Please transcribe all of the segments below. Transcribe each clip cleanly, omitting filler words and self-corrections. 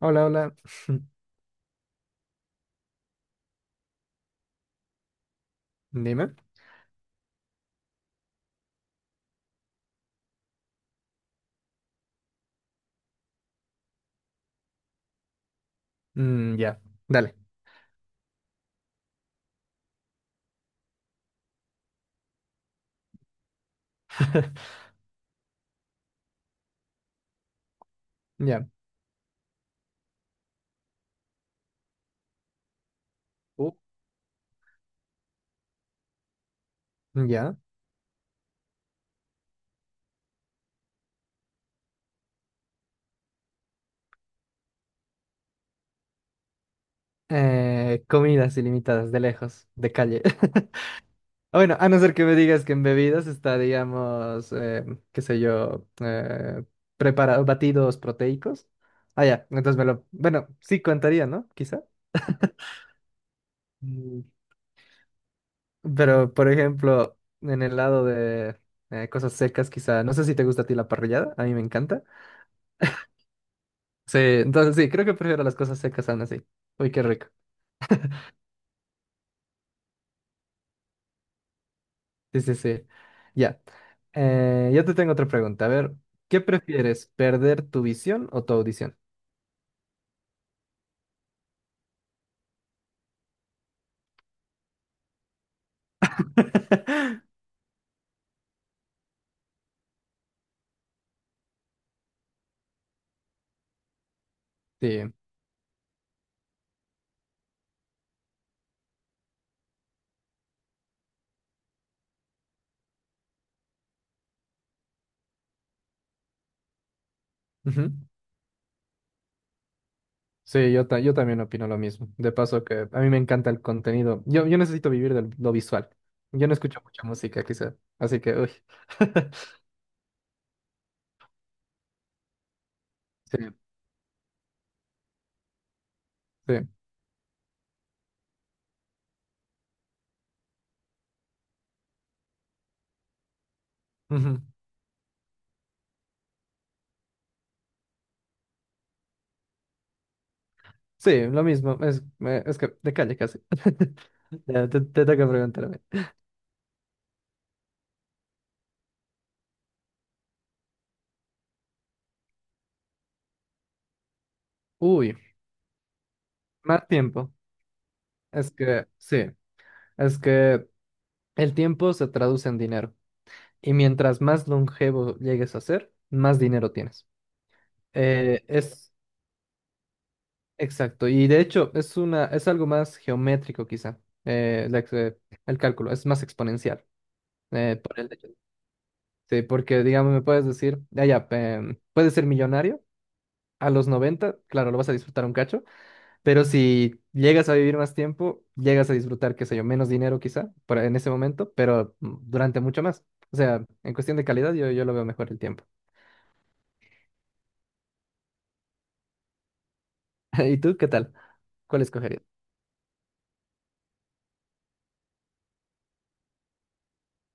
Hola, hola. Dime. Mm, ya, dale. Ya. Uh, Ya. Comidas ilimitadas, de lejos, de calle. Ah, bueno, a no ser que me digas que en bebidas está, digamos, qué sé yo, preparados, batidos proteicos. Ah, ya, entonces me lo... Bueno, sí contaría, ¿no? Quizá. mm, Pero, por ejemplo, en el lado de cosas secas, quizá, no sé si te gusta a ti la parrillada, a mí me encanta. Sí, entonces sí, creo que prefiero las cosas secas aún así. Uy, qué rico. Sí, sí, sí. Ya. Yo te tengo otra pregunta. A ver, ¿qué prefieres, perder tu visión o tu audición? Sí. Ujú. Sí, yo también opino lo mismo. De paso que a mí me encanta el contenido. Yo necesito vivir de lo visual. Yo no escucho mucha música, quizá. Así que, uy. Sí, sí. Ujú. Sí, lo mismo. Es que de calle casi. Ya, te toca preguntarme. Uy, más tiempo. Es que sí, es que el tiempo se traduce en dinero y mientras más longevo llegues a ser, más dinero tienes. Es exacto, y de hecho es algo más geométrico quizá, eh, la ex- eh, el cálculo es más exponencial. eh, por el hecho- Sí, porque digamos, me puedes decir, puedes ser millonario a los 90, claro, lo vas a disfrutar un cacho. Pero si llegas a vivir más tiempo, llegas a disfrutar, qué sé yo, menos dinero quizá en ese momento, pero durante mucho más. O sea, en cuestión de calidad, yo lo veo mejor el tiempo. ¿Y tú qué tal? ¿Cuál escogerías?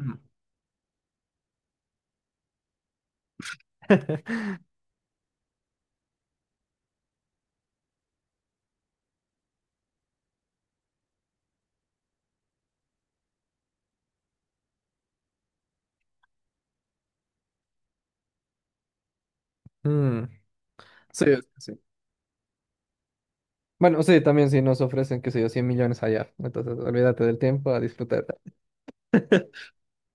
Mm. Mm. Sí, es que sí. Bueno, sí, también si nos ofrecen, qué sé yo, 100 millones allá. Entonces, olvídate del tiempo a disfrutar.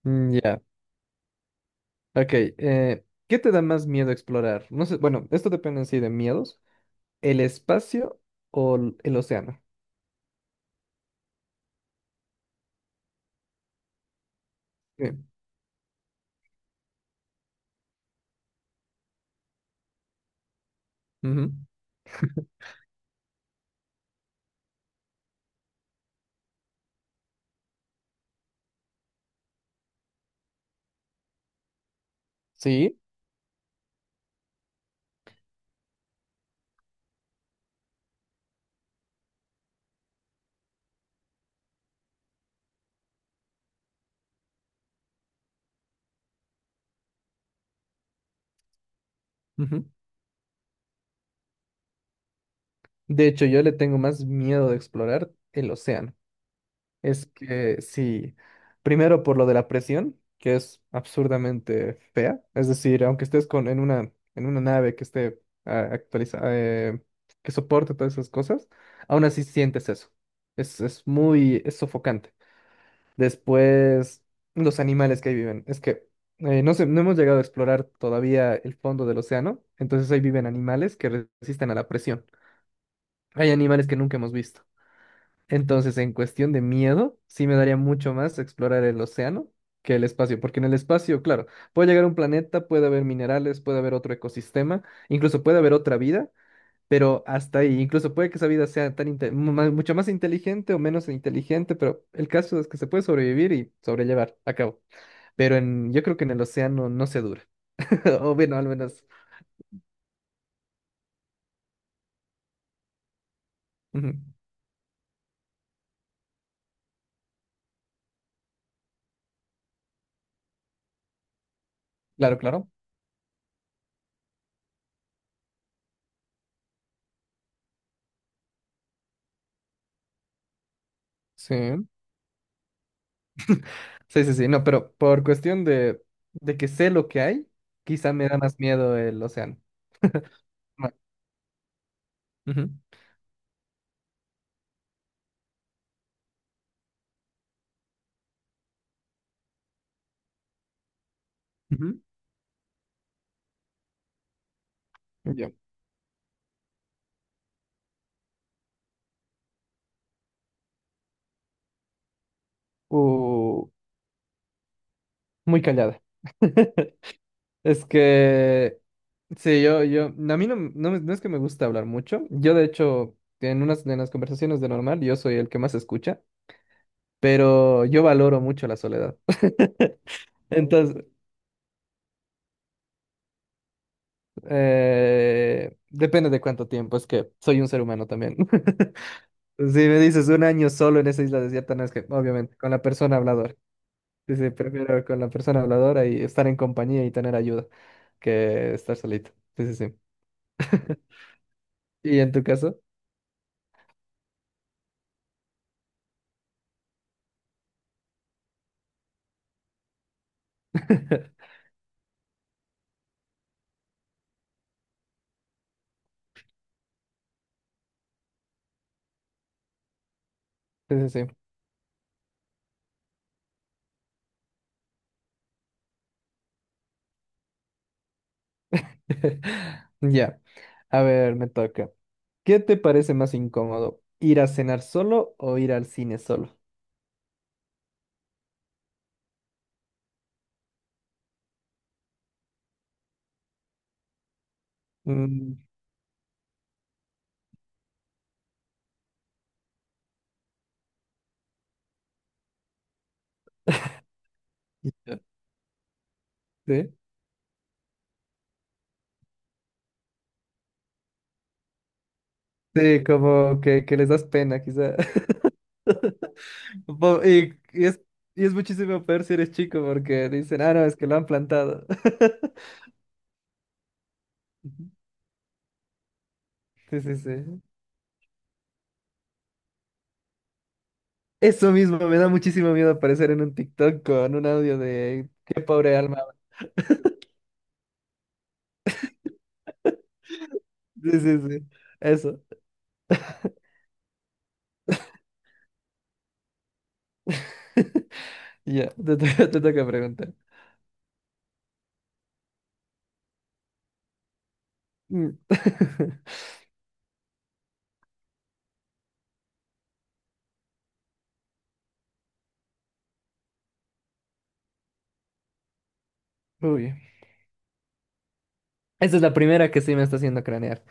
Mm, Ya, Ok. ¿Qué te da más miedo explorar? No sé, bueno, esto depende en sí de miedos. ¿El espacio o el océano? Sí. Ujú. Sí. Ujú. De hecho, yo le tengo más miedo de explorar el océano. Es que sí, primero por lo de la presión, que es absurdamente fea. Es decir, en una nave que esté actualizada, que soporte todas esas cosas, aún así sientes eso. Es sofocante. Después, los animales que ahí viven. Es que no sé, no hemos llegado a explorar todavía el fondo del océano, entonces ahí viven animales que resisten a la presión. Hay animales que nunca hemos visto. Entonces, en cuestión de miedo, sí me daría mucho más explorar el océano que el espacio, porque en el espacio, claro, puede llegar a un planeta, puede haber minerales, puede haber otro ecosistema, incluso puede haber otra vida, pero hasta ahí, incluso puede que esa vida sea tan inte- mu- más- mucho más inteligente o menos inteligente, pero el caso es que se puede sobrevivir y sobrellevar a cabo. Yo creo que en el océano no se dura, o bueno, al menos. Ujú. Claro, claro. Sí. Sí, sí, sí, no, pero por cuestión de que sé lo que hay, quizá me da más miedo el océano. Bueno, ujú. Ujú. Ya. Uh, muy callada. Es que sí, no, a mí no, no, me- no es que me gusta hablar mucho. Yo, de hecho, en unas de las conversaciones de normal, yo soy el que más escucha, pero yo valoro mucho la soledad. Entonces, depende de cuánto tiempo, es que soy un ser humano también. Si me dices un año solo en esa isla desierta, no es que, obviamente, con la persona habladora. Sí, sí, prefiero con la persona habladora y estar en compañía y tener ayuda que estar solito. Sí, sí, sí. ¿Y en tu caso? Sí, sí, sí. Ya. A ver, me toca. ¿Qué te parece más incómodo? ¿Ir a cenar solo o ir al cine solo? Mm, ya. ¿Sí? Sí, como que les das pena, quizá. Po- Y, y es, y es muchísimo peor si eres chico porque dicen, ah, no, es que lo han plantado. Ujú. Sí, sí, sí. Eso mismo, me da muchísimo miedo aparecer en un TikTok con un audio de qué pobre alma. Sí, sí, sí. Eso. Ya, te toca preguntar. Mm. Uy. Esa es la primera que sí me está haciendo cranear.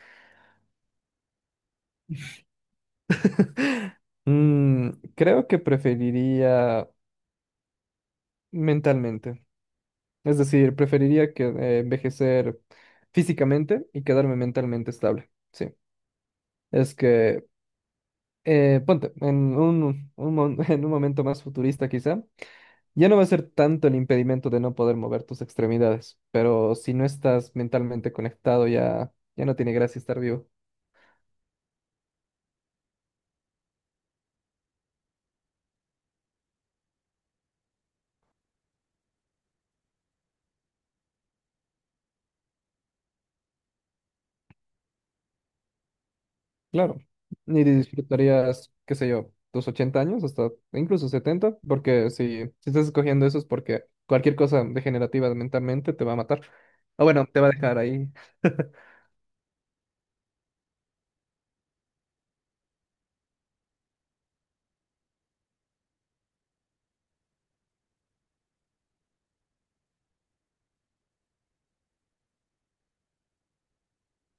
Mm, Creo que preferiría mentalmente. Es decir, preferiría que, envejecer físicamente y quedarme mentalmente estable. Sí. Es que, ponte, en un mon- en un momento más futurista quizá, ya no va a ser tanto el impedimento de no poder mover tus extremidades, pero si no estás mentalmente conectado ya no tiene gracia estar vivo. Claro, ni disfrutarías, qué sé yo, tus 80 años, hasta incluso 70, porque si estás escogiendo eso es porque cualquier cosa degenerativa mentalmente te va a matar. O bueno, te va a dejar ahí.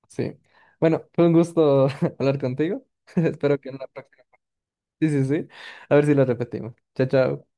Sí. Bueno, fue un gusto hablar contigo. Espero que en la próxima. Sí, sí, sí. A ver si lo repetimos. Chao, chao.